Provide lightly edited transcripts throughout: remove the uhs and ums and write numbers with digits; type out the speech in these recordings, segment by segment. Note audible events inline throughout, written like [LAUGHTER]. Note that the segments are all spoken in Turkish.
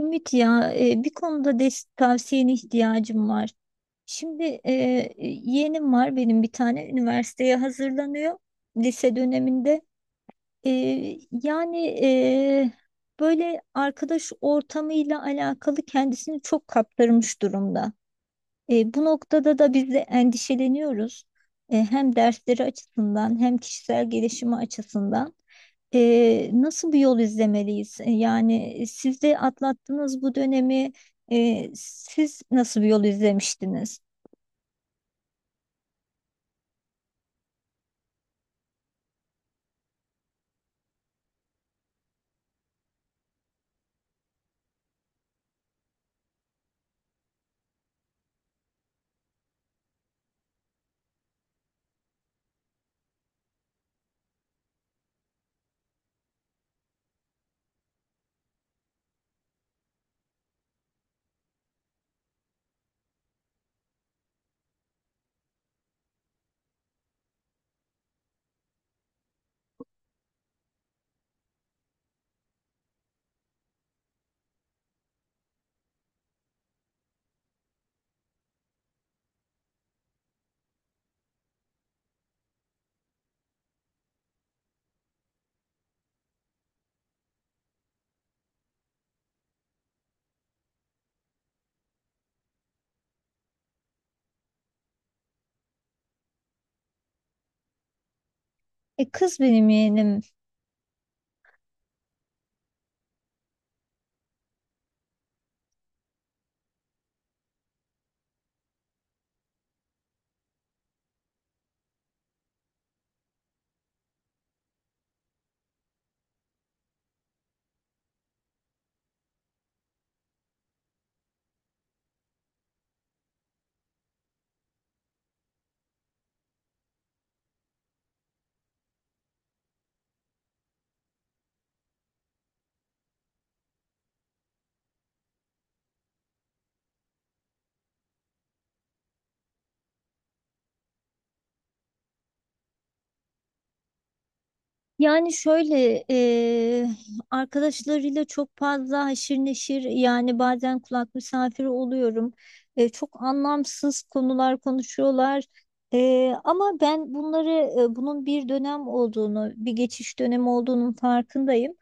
Ümit ya, bir konuda tavsiyene ihtiyacım var. Şimdi yeğenim var benim bir tane, üniversiteye hazırlanıyor lise döneminde. E, yani e, böyle arkadaş ortamıyla alakalı kendisini çok kaptırmış durumda. Bu noktada da biz de endişeleniyoruz. Hem dersleri açısından hem kişisel gelişimi açısından nasıl bir yol izlemeliyiz? Siz de atlattınız bu dönemi. Siz nasıl bir yol izlemiştiniz? Kız benim yeğenim. Yani şöyle, arkadaşlarıyla çok fazla haşir neşir, yani bazen kulak misafiri oluyorum. Çok anlamsız konular konuşuyorlar. Ama ben bunları, bunun bir dönem olduğunu, bir geçiş dönemi olduğunun farkındayım.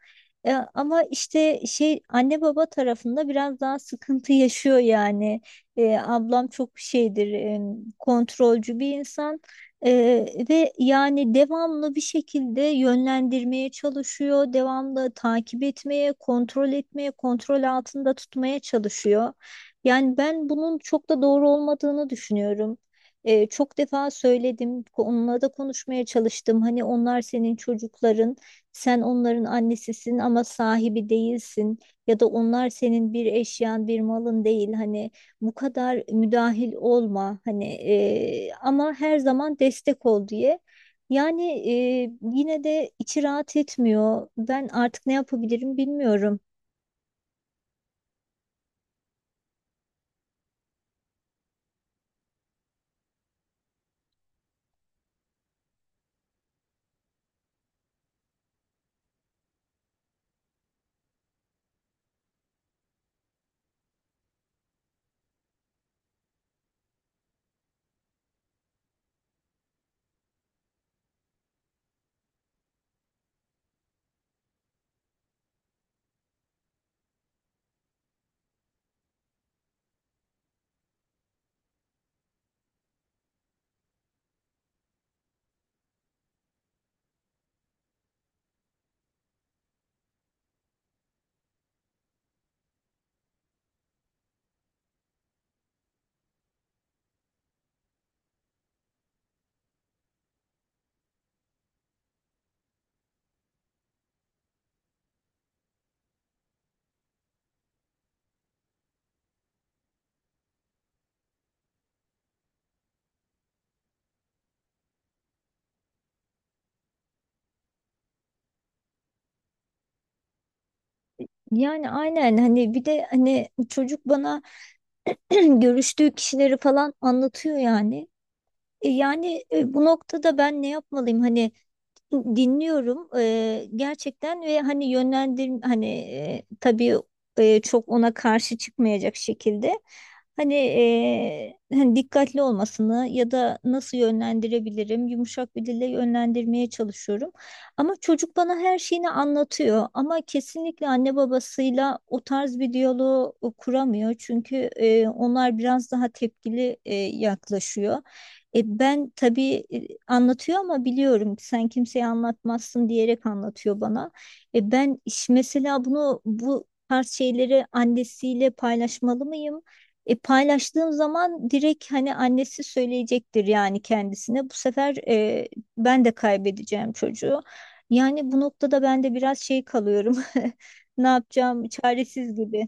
Ama işte şey, anne baba tarafında biraz daha sıkıntı yaşıyor yani. Ablam çok şeydir, kontrolcü bir insan. Ve yani devamlı bir şekilde yönlendirmeye çalışıyor, devamlı takip etmeye, kontrol etmeye, kontrol altında tutmaya çalışıyor. Yani ben bunun çok da doğru olmadığını düşünüyorum. Çok defa söyledim, onunla da konuşmaya çalıştım. Hani onlar senin çocukların, sen onların annesisin ama sahibi değilsin. Ya da onlar senin bir eşyan, bir malın değil. Hani bu kadar müdahil olma hani, ama her zaman destek ol diye. Yani yine de içi rahat etmiyor. Ben artık ne yapabilirim bilmiyorum. Yani aynen, hani bir de hani çocuk bana [CLEARS THROAT] görüştüğü kişileri falan anlatıyor yani. Bu noktada ben ne yapmalıyım hani? Dinliyorum gerçekten ve hani yönlendir hani tabii çok ona karşı çıkmayacak şekilde hani, hani dikkatli olmasını ya da nasıl yönlendirebilirim, yumuşak bir dille yönlendirmeye çalışıyorum. Ama çocuk bana her şeyini anlatıyor, ama kesinlikle anne babasıyla o tarz bir diyaloğu kuramıyor çünkü onlar biraz daha tepkili yaklaşıyor. Ben tabii, anlatıyor ama biliyorum sen kimseye anlatmazsın diyerek anlatıyor bana. Ben mesela bunu, bu tarz şeyleri annesiyle paylaşmalı mıyım? Paylaştığım zaman direkt hani annesi söyleyecektir yani kendisine. Bu sefer ben de kaybedeceğim çocuğu. Yani bu noktada ben de biraz şey kalıyorum. [LAUGHS] Ne yapacağım? Çaresiz gibi.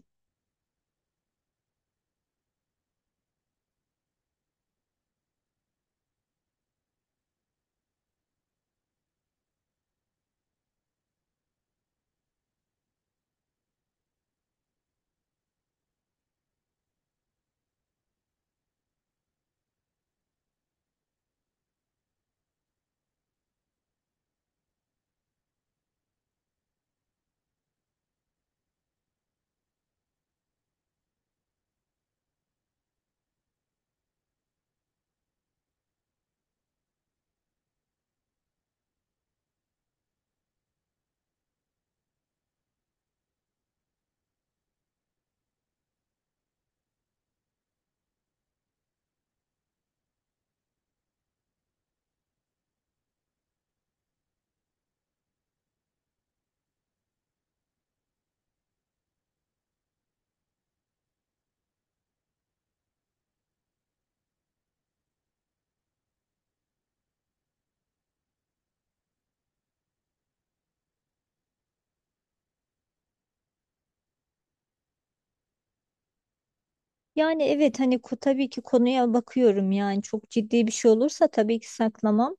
Yani evet, hani tabii ki konuya bakıyorum, yani çok ciddi bir şey olursa tabii ki saklamam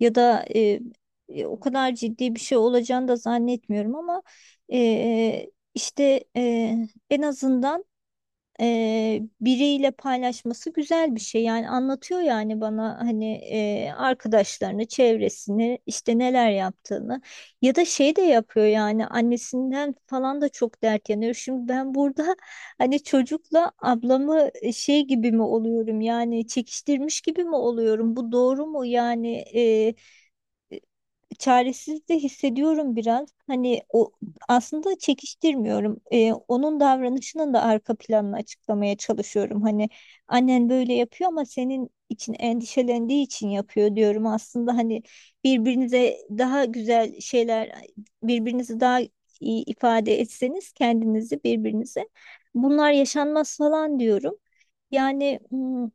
ya da o kadar ciddi bir şey olacağını da zannetmiyorum ama e, e, işte en azından biriyle paylaşması güzel bir şey. Yani anlatıyor yani bana, hani arkadaşlarını, çevresini, işte neler yaptığını, ya da şey de yapıyor yani annesinden falan da çok dert yanıyor. Şimdi ben burada [LAUGHS] hani çocukla ablamı şey gibi mi oluyorum, yani çekiştirmiş gibi mi oluyorum? Bu doğru mu yani? Çaresiz de hissediyorum biraz. Hani, o aslında çekiştirmiyorum. Onun davranışının da arka planını açıklamaya çalışıyorum. Hani annen böyle yapıyor ama senin için endişelendiği için yapıyor diyorum. Aslında hani birbirinize daha güzel şeyler, birbirinizi daha iyi ifade etseniz kendinizi birbirinize, bunlar yaşanmaz falan diyorum. Yani m,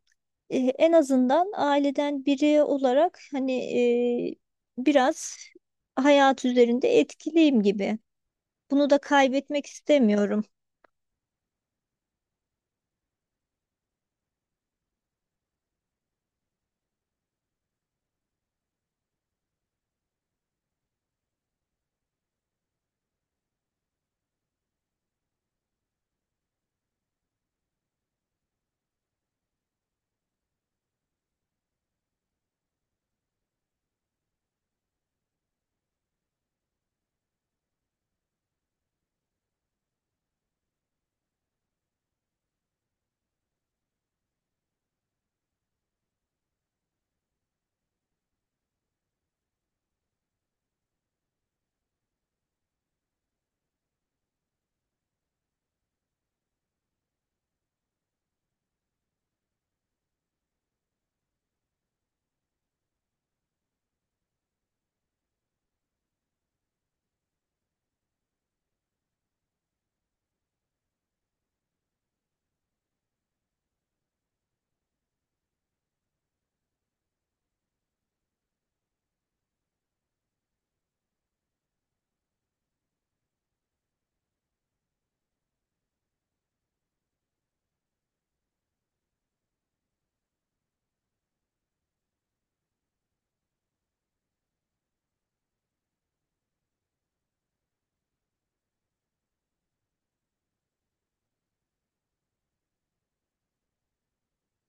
e, en azından aileden biri olarak hani, biraz hayat üzerinde etkiliyim gibi. Bunu da kaybetmek istemiyorum.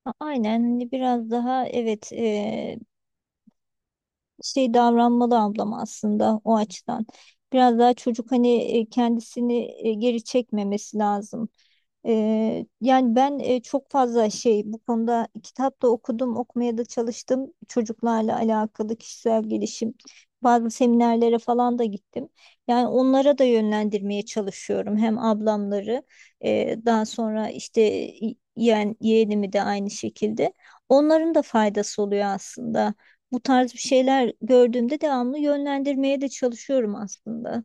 Aynen, hani biraz daha evet, şey davranmalı ablam aslında o açıdan. Biraz daha çocuk hani kendisini geri çekmemesi lazım. Yani ben çok fazla şey, bu konuda kitap da okudum, okumaya da çalıştım. Çocuklarla alakalı kişisel gelişim, bazı seminerlere falan da gittim. Yani onlara da yönlendirmeye çalışıyorum. Hem ablamları, daha sonra işte yeğenimi de aynı şekilde. Onların da faydası oluyor aslında, bu tarz bir şeyler gördüğümde devamlı yönlendirmeye de çalışıyorum aslında.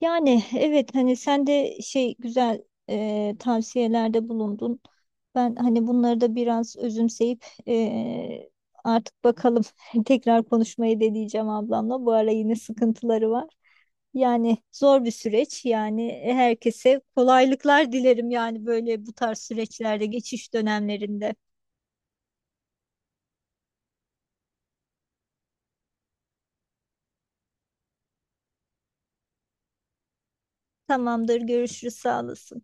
Yani evet, hani sen de şey, güzel tavsiyelerde bulundun. Ben hani bunları da biraz özümseyip artık bakalım, [LAUGHS] tekrar konuşmayı deneyeceğim ablamla. Bu ara yine sıkıntıları var. Yani zor bir süreç, yani herkese kolaylıklar dilerim yani, böyle bu tarz süreçlerde, geçiş dönemlerinde. Tamamdır, görüşürüz, sağ olasın.